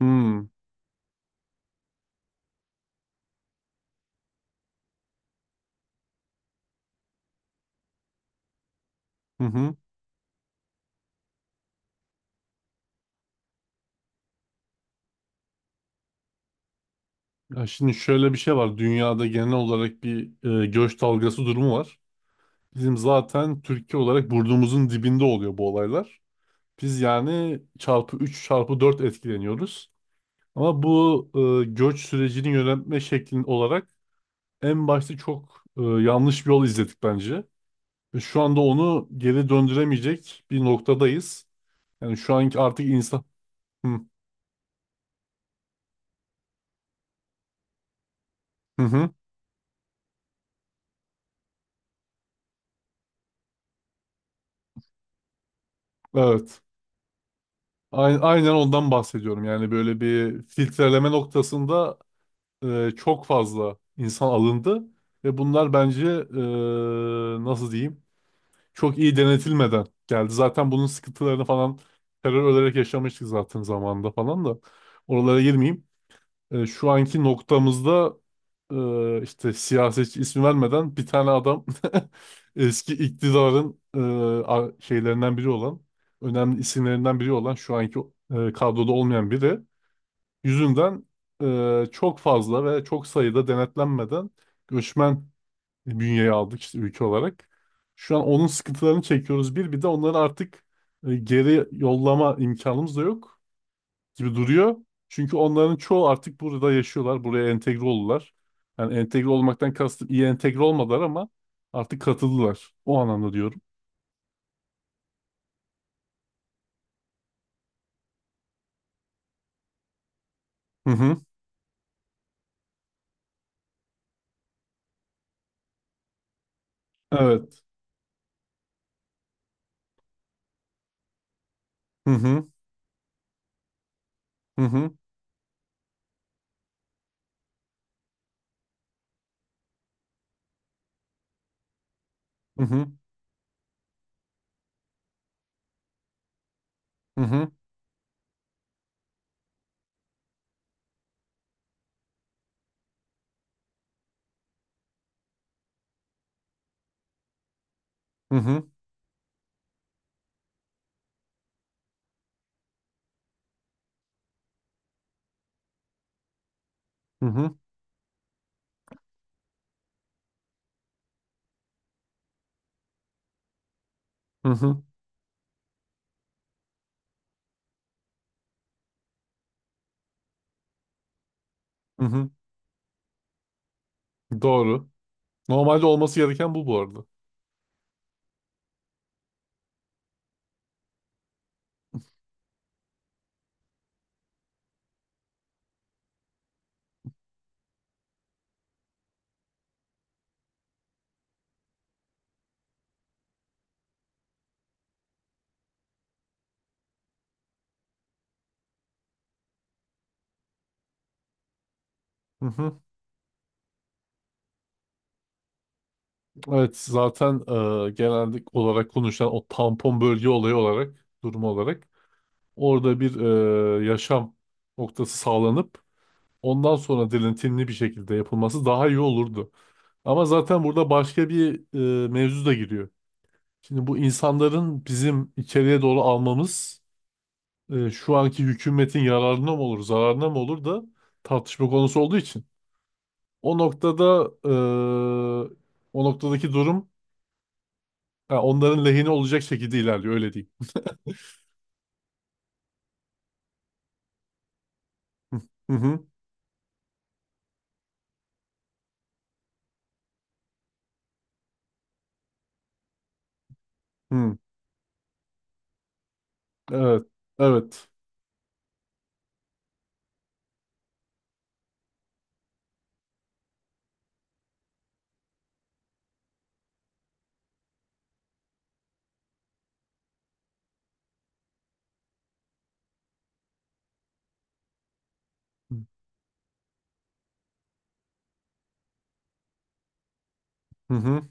Hmm. Hı hı. Ya şimdi şöyle bir şey var. Dünyada genel olarak bir göç dalgası durumu var. Bizim zaten Türkiye olarak burnumuzun dibinde oluyor bu olaylar. Biz yani çarpı 3 çarpı 4 etkileniyoruz. Ama bu göç sürecini yönetme şeklin olarak en başta çok yanlış bir yol izledik bence. Ve şu anda onu geri döndüremeyecek bir noktadayız. Yani şu anki artık insan... Hı hı. Hı. Evet. Aynen ondan bahsediyorum. Yani böyle bir filtreleme noktasında çok fazla insan alındı ve bunlar bence, nasıl diyeyim, çok iyi denetilmeden geldi. Zaten bunun sıkıntılarını falan terör olarak yaşamıştık zaten zamanında falan da, oralara girmeyeyim, şu anki noktamızda işte siyasetçi ismi vermeden bir tane adam eski iktidarın şeylerinden biri olan, önemli isimlerinden biri olan, şu anki kadroda olmayan biri yüzünden çok fazla ve çok sayıda denetlenmeden göçmen bünyeye aldık işte ülke olarak. Şu an onun sıkıntılarını çekiyoruz, bir de onları artık geri yollama imkanımız da yok gibi duruyor. Çünkü onların çoğu artık burada yaşıyorlar. Buraya entegre oldular. Yani entegre olmaktan kastım iyi entegre olmadılar ama artık katıldılar. O anlamda diyorum. Hı hı. Evet. Hı hı. Hı hı. Hı hı. Hı hı. Hı hı. Hı hı. Hı hı. Hı hı. Doğru. Normalde olması gereken bu, bu arada. Hı hı. Evet, zaten genelde olarak konuşulan o tampon bölge olayı olarak, durumu olarak, orada bir yaşam noktası sağlanıp, ondan sonra dilintinli bir şekilde yapılması daha iyi olurdu. Ama zaten burada başka bir mevzu da giriyor. Şimdi bu insanların bizim içeriye doğru almamız şu anki hükümetin yararına mı olur, zararına mı olur da tartışma konusu olduğu için. O noktada e, o noktadaki durum, ha, onların lehine olacak şekilde ilerliyor, öyle diyeyim. Hı hı. Hı. Evet. Evet. Hı hı.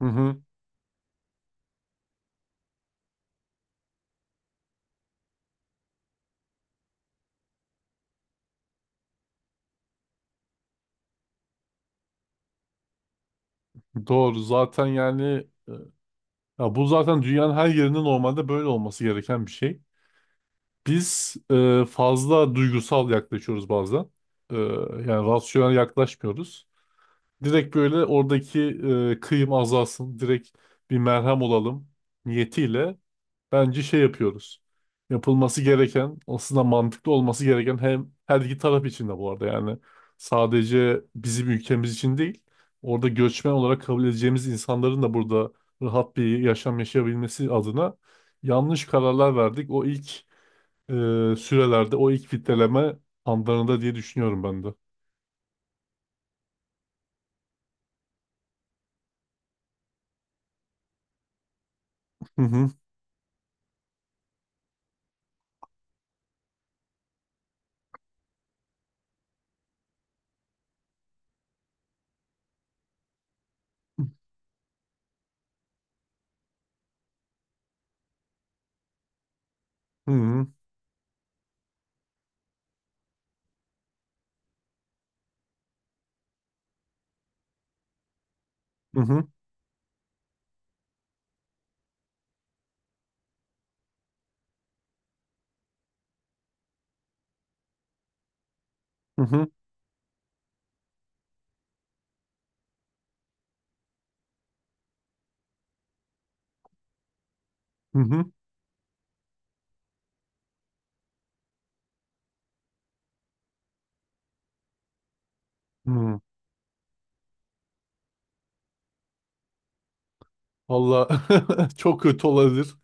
Hı hı. Doğru. Zaten yani, ya bu zaten dünyanın her yerinde normalde böyle olması gereken bir şey. Biz fazla duygusal yaklaşıyoruz bazen. E, yani rasyonel yaklaşmıyoruz. Direkt böyle oradaki kıyım azalsın, direkt bir merhem olalım niyetiyle, bence şey yapıyoruz. Yapılması gereken, aslında mantıklı olması gereken, hem her iki taraf için de bu arada, yani sadece bizim ülkemiz için değil, orada göçmen olarak kabul edeceğimiz insanların da burada rahat bir yaşam yaşayabilmesi adına, yanlış kararlar verdik. O ilk e, sürelerde, o ilk fitleleme anlarında diye düşünüyorum ben de. Hı hı. Hı hı. Hı hı. Hı hı. Hı hı. Hı hı. Valla çok kötü olabilir.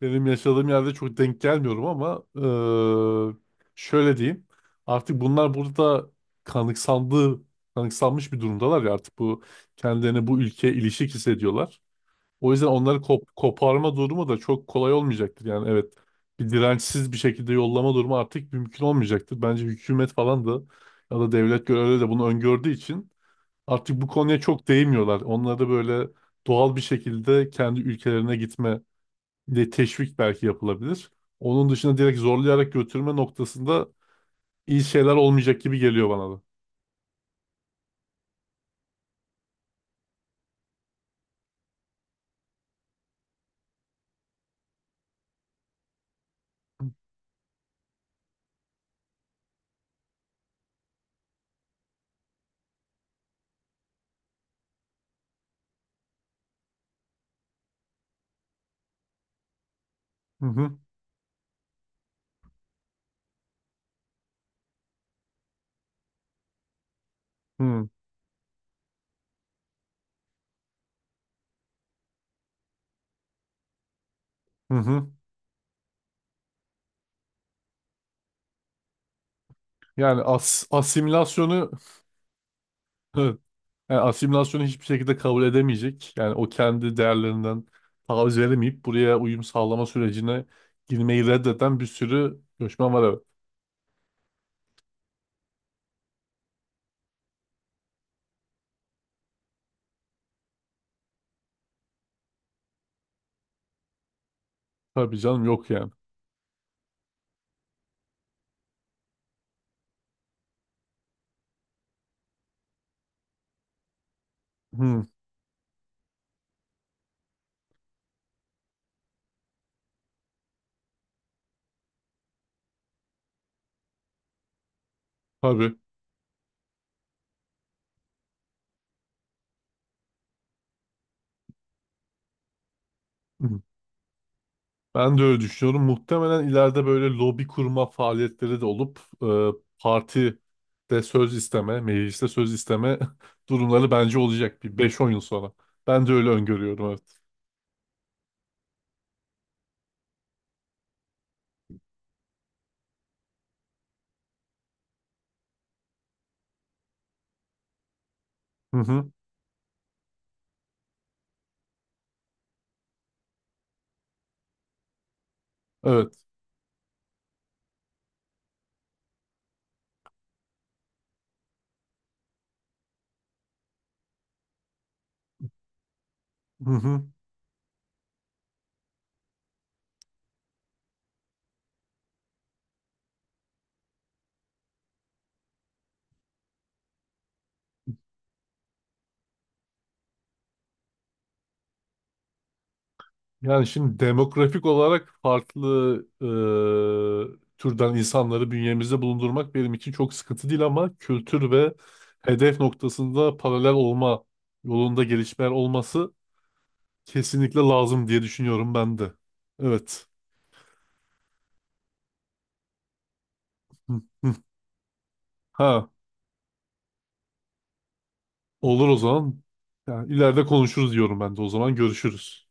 Benim yaşadığım yerde çok denk gelmiyorum ama şöyle diyeyim. Artık bunlar burada kanıksandığı, kanıksanmış bir durumdalar, ya artık bu kendilerini bu ülkeye ilişik hissediyorlar. O yüzden onları koparma durumu da çok kolay olmayacaktır. Yani evet, bir dirençsiz bir şekilde yollama durumu artık mümkün olmayacaktır. Bence hükümet falan da, ya da devlet görevleri de bunu öngördüğü için artık bu konuya çok değmiyorlar. Onları böyle doğal bir şekilde kendi ülkelerine gitme de teşvik belki yapılabilir. Onun dışında direkt zorlayarak götürme noktasında iyi şeyler olmayacak gibi geliyor bana da. Hı hı. Hı hı. Hı. Yani asimilasyonu evet. Yani asimilasyonu hiçbir şekilde kabul edemeyecek. Yani o kendi değerlerinden taviz veremeyip buraya uyum sağlama sürecine girmeyi reddeden bir sürü göçmen var, evet. Tabii canım, yok yani. Hı, tabii. Ben de öyle düşünüyorum. Muhtemelen ileride böyle lobi kurma faaliyetleri de olup parti de söz isteme, mecliste söz isteme durumları bence olacak bir 5-10 yıl sonra. Ben de öyle öngörüyorum, evet. Hı hı. Evet. Hı hı. Yani şimdi demografik olarak farklı türden insanları bünyemizde bulundurmak benim için çok sıkıntı değil, ama kültür ve hedef noktasında paralel olma yolunda gelişmeler olması kesinlikle lazım diye düşünüyorum ben de. Evet. Hı, hı. Ha, olur o zaman. Yani ileride konuşuruz diyorum ben de o zaman. Görüşürüz.